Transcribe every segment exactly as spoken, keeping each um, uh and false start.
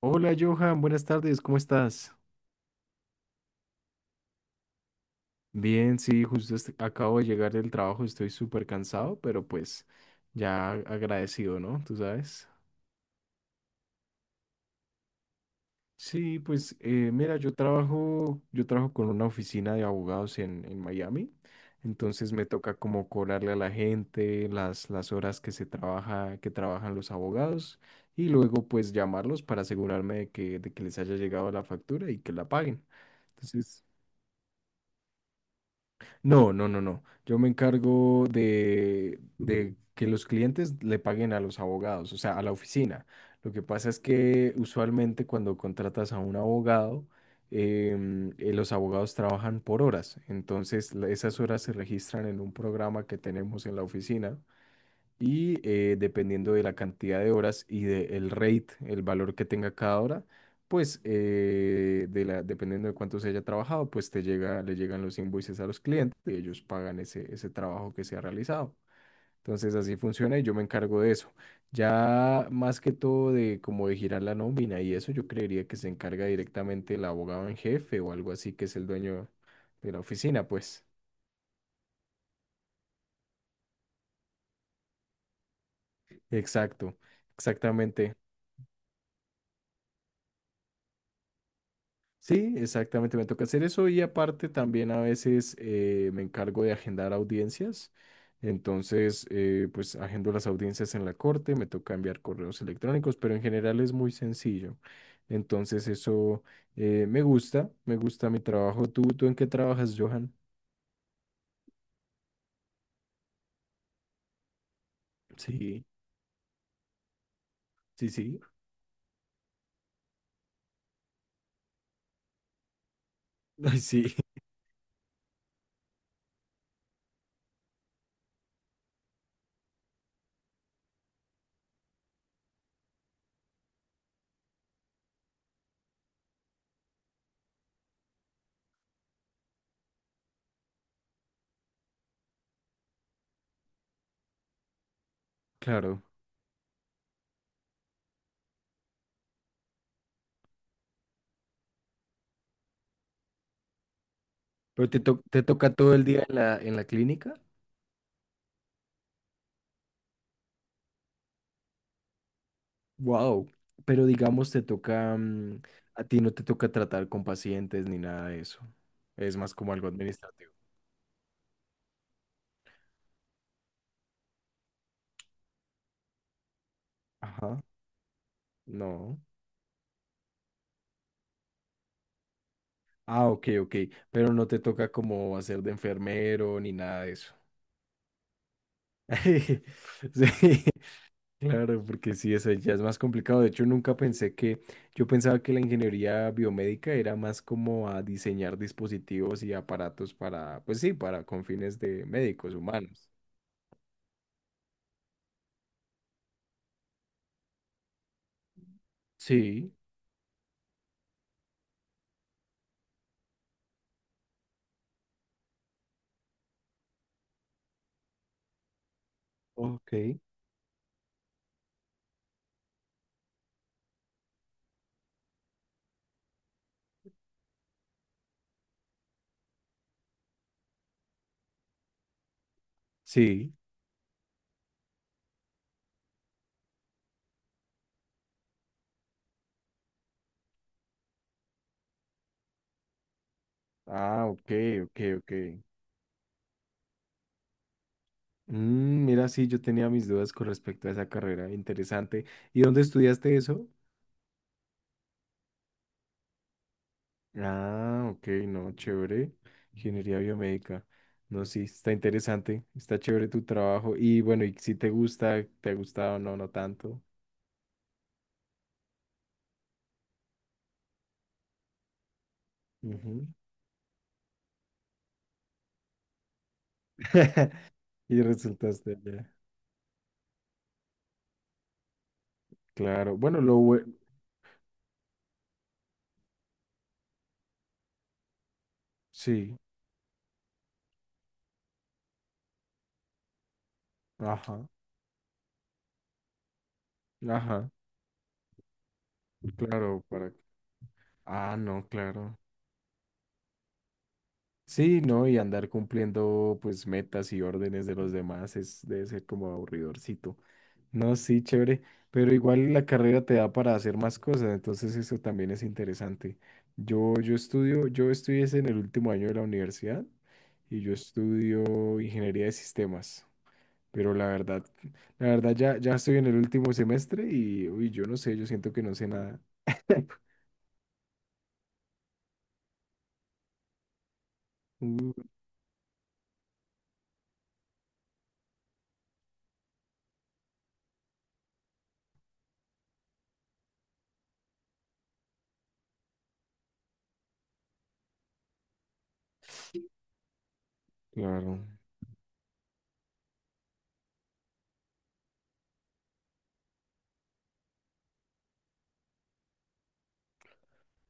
Hola Johan, buenas tardes, ¿cómo estás? Bien, sí, justo est- acabo de llegar del trabajo, estoy súper cansado, pero pues ya agradecido, ¿no? Tú sabes. Sí, pues eh, mira, yo trabajo, yo trabajo con una oficina de abogados en, en Miami, entonces me toca como cobrarle a la gente las, las horas que se trabaja, que trabajan los abogados y luego pues llamarlos para asegurarme de que, de que les haya llegado la factura y que la paguen. Entonces... No, no, no, no. Yo me encargo de, de que los clientes le paguen a los abogados, o sea, a la oficina. Lo que pasa es que usualmente cuando contratas a un abogado, em, eh, los abogados trabajan por horas. Entonces, la- esas horas se registran en un programa que tenemos en la oficina y eh, dependiendo de la cantidad de horas y del rate, el valor que tenga cada hora, pues eh, de la, dependiendo de cuánto se haya trabajado, pues te llega, le llegan los invoices a los clientes y ellos pagan ese, ese trabajo que se ha realizado. Entonces así funciona y yo me encargo de eso. Ya más que todo de como de girar la nómina y eso, yo creería que se encarga directamente el abogado en jefe o algo así que es el dueño de la oficina, pues. Exacto, exactamente. Sí, exactamente, me toca hacer eso y aparte también a veces eh, me encargo de agendar audiencias. Entonces, eh, pues agendo las audiencias en la corte, me toca enviar correos electrónicos, pero en general es muy sencillo. Entonces, eso eh, me gusta, me gusta mi trabajo. ¿Tú, tú en qué trabajas, Johan? Sí, sí, sí. Ay, sí, claro. ¿Pero te, to- te toca todo el día en la, en la clínica? Wow, pero digamos te toca, mm, a ti no te toca tratar con pacientes ni nada de eso. Es más como algo administrativo. Ajá, no. Ah, ok, ok, pero no te toca como hacer de enfermero ni nada de eso. Sí, claro, porque sí, eso ya es más complicado. De hecho, nunca pensé que, yo pensaba que la ingeniería biomédica era más como a diseñar dispositivos y aparatos para, pues sí, para con fines de médicos humanos. Sí, ok. Sí. Ah, ok, ok, ok. Mm, mira, sí, yo tenía mis dudas con respecto a esa carrera. Interesante. ¿Y dónde estudiaste eso? Ah, ok, no, chévere. Ingeniería biomédica. No, sí, está interesante. Está chévere tu trabajo. Y bueno, y si te gusta, te ha gustado, no, no tanto. Ujú. Y resultaste allá. Claro. Bueno, lo bueno. Sí. Ajá. Ajá. Claro, para. Ah, no, claro. Sí, ¿no? Y andar cumpliendo pues metas y órdenes de los demás es, debe ser como aburridorcito. No, sí, chévere, pero igual la carrera te da para hacer más cosas, entonces eso también es interesante. Yo, yo estudio, yo estudié es en el último año de la universidad y yo estudio ingeniería de sistemas, pero la verdad, la verdad ya, ya estoy en el último semestre y uy, yo no sé, yo siento que no sé nada. Uh, claro.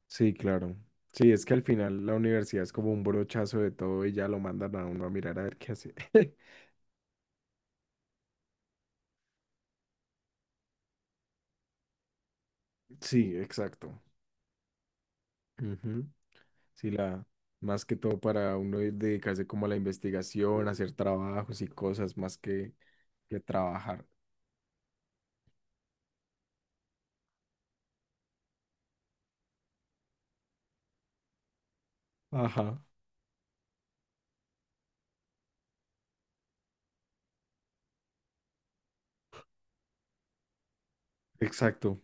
Sí, claro. Sí, es que al final la universidad es como un brochazo de todo y ya lo mandan a uno a mirar a ver qué hace. Sí, exacto. Ujú. Sí, la, más que todo para uno dedicarse como a la investigación, hacer trabajos y cosas más que, que trabajar. Ajá, exacto.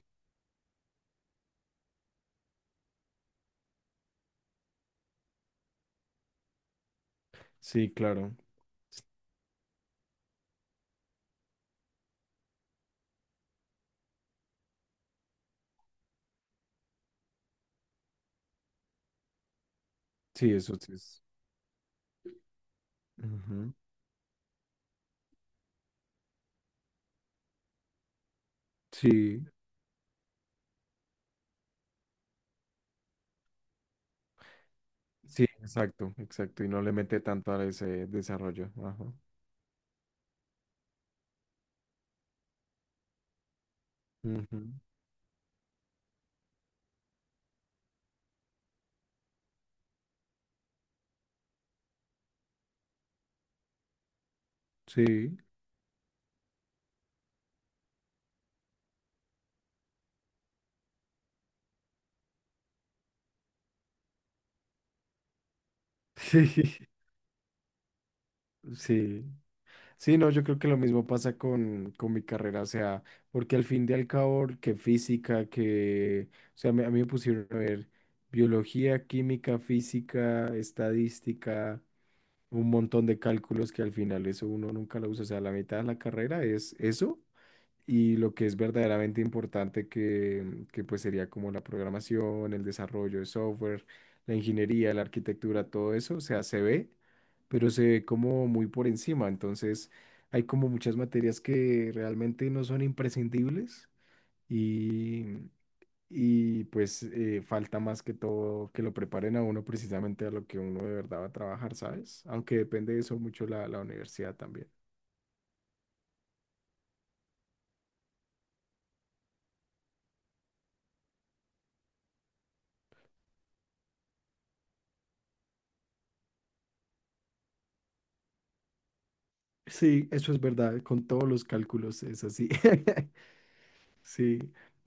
Sí, claro. Sí, eso sí es. Ujú. Sí, sí, exacto, exacto. Y no le mete tanto a ese desarrollo. Ajá. Ujú. Sí. Sí. Sí. Sí, no, yo creo que lo mismo pasa con, con mi carrera, o sea, porque al fin y al cabo, que física, que, o sea, me- a mí me pusieron a ver biología, química, física, estadística, un montón de cálculos que al final eso uno nunca lo usa, o sea, la mitad de la carrera es eso y lo que es verdaderamente importante que, que pues sería como la programación, el desarrollo de software, la ingeniería, la arquitectura, todo eso, o sea, se ve, pero se ve como muy por encima, entonces hay como muchas materias que realmente no son imprescindibles y, y pues eh, falta más que todo que lo preparen a uno precisamente a lo que uno de verdad va a trabajar, ¿sabes? Aunque depende de eso mucho la, la universidad también. Sí, eso es verdad, con todos los cálculos es así. Sí,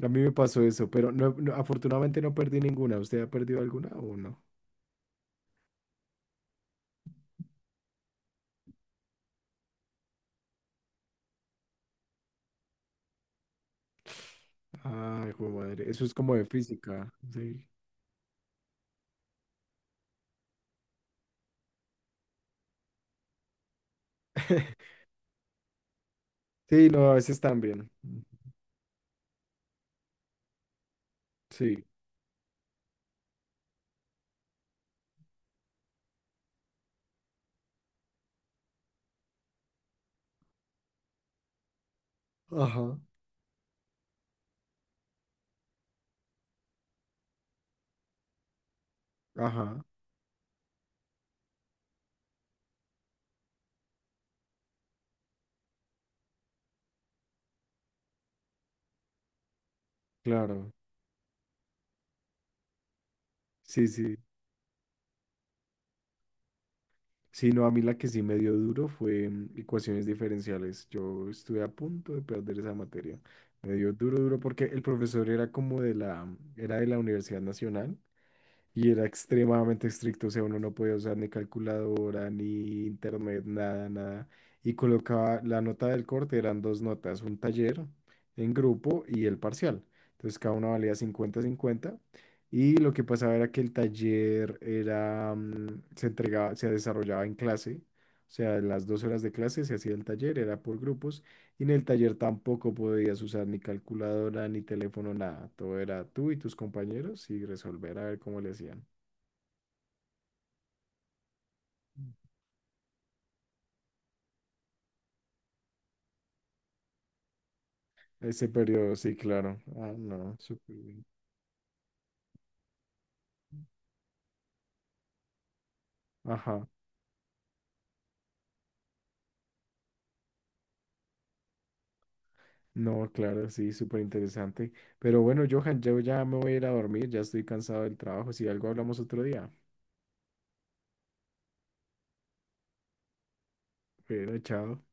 a mí me pasó eso, pero no, no, afortunadamente no perdí ninguna. ¿Usted ha perdido alguna o no? Ay, jue madre, eso es como de física. Sí, sí, no, a veces también. Sí, ajá, ajá, claro. Sí, sí. Sí, no, a mí la que sí me dio duro fue mm, ecuaciones diferenciales. Yo estuve a punto de perder esa materia. Me dio duro, duro, porque el profesor era como de la, era de la Universidad Nacional. Y era extremadamente estricto, o sea, uno no podía usar ni calculadora, ni internet, nada, nada. Y colocaba la nota del corte, eran dos notas, un taller en grupo y el parcial. Entonces cada una valía cincuenta cincuenta. Y lo que pasaba era que el taller era, mm, se entregaba, se desarrollaba en clase. O sea, en las dos horas de clase se hacía el taller, era por grupos. Y en el taller tampoco podías usar ni calculadora, ni teléfono, nada. Todo era tú y tus compañeros y resolver a ver cómo le hacían. Ese periodo, sí, claro. Ah, no, súper bien. Ajá. No, claro, sí, súper interesante. Pero bueno, Johan, yo ya me voy a ir a dormir, ya estoy cansado del trabajo. Si algo hablamos otro día. Pero chao.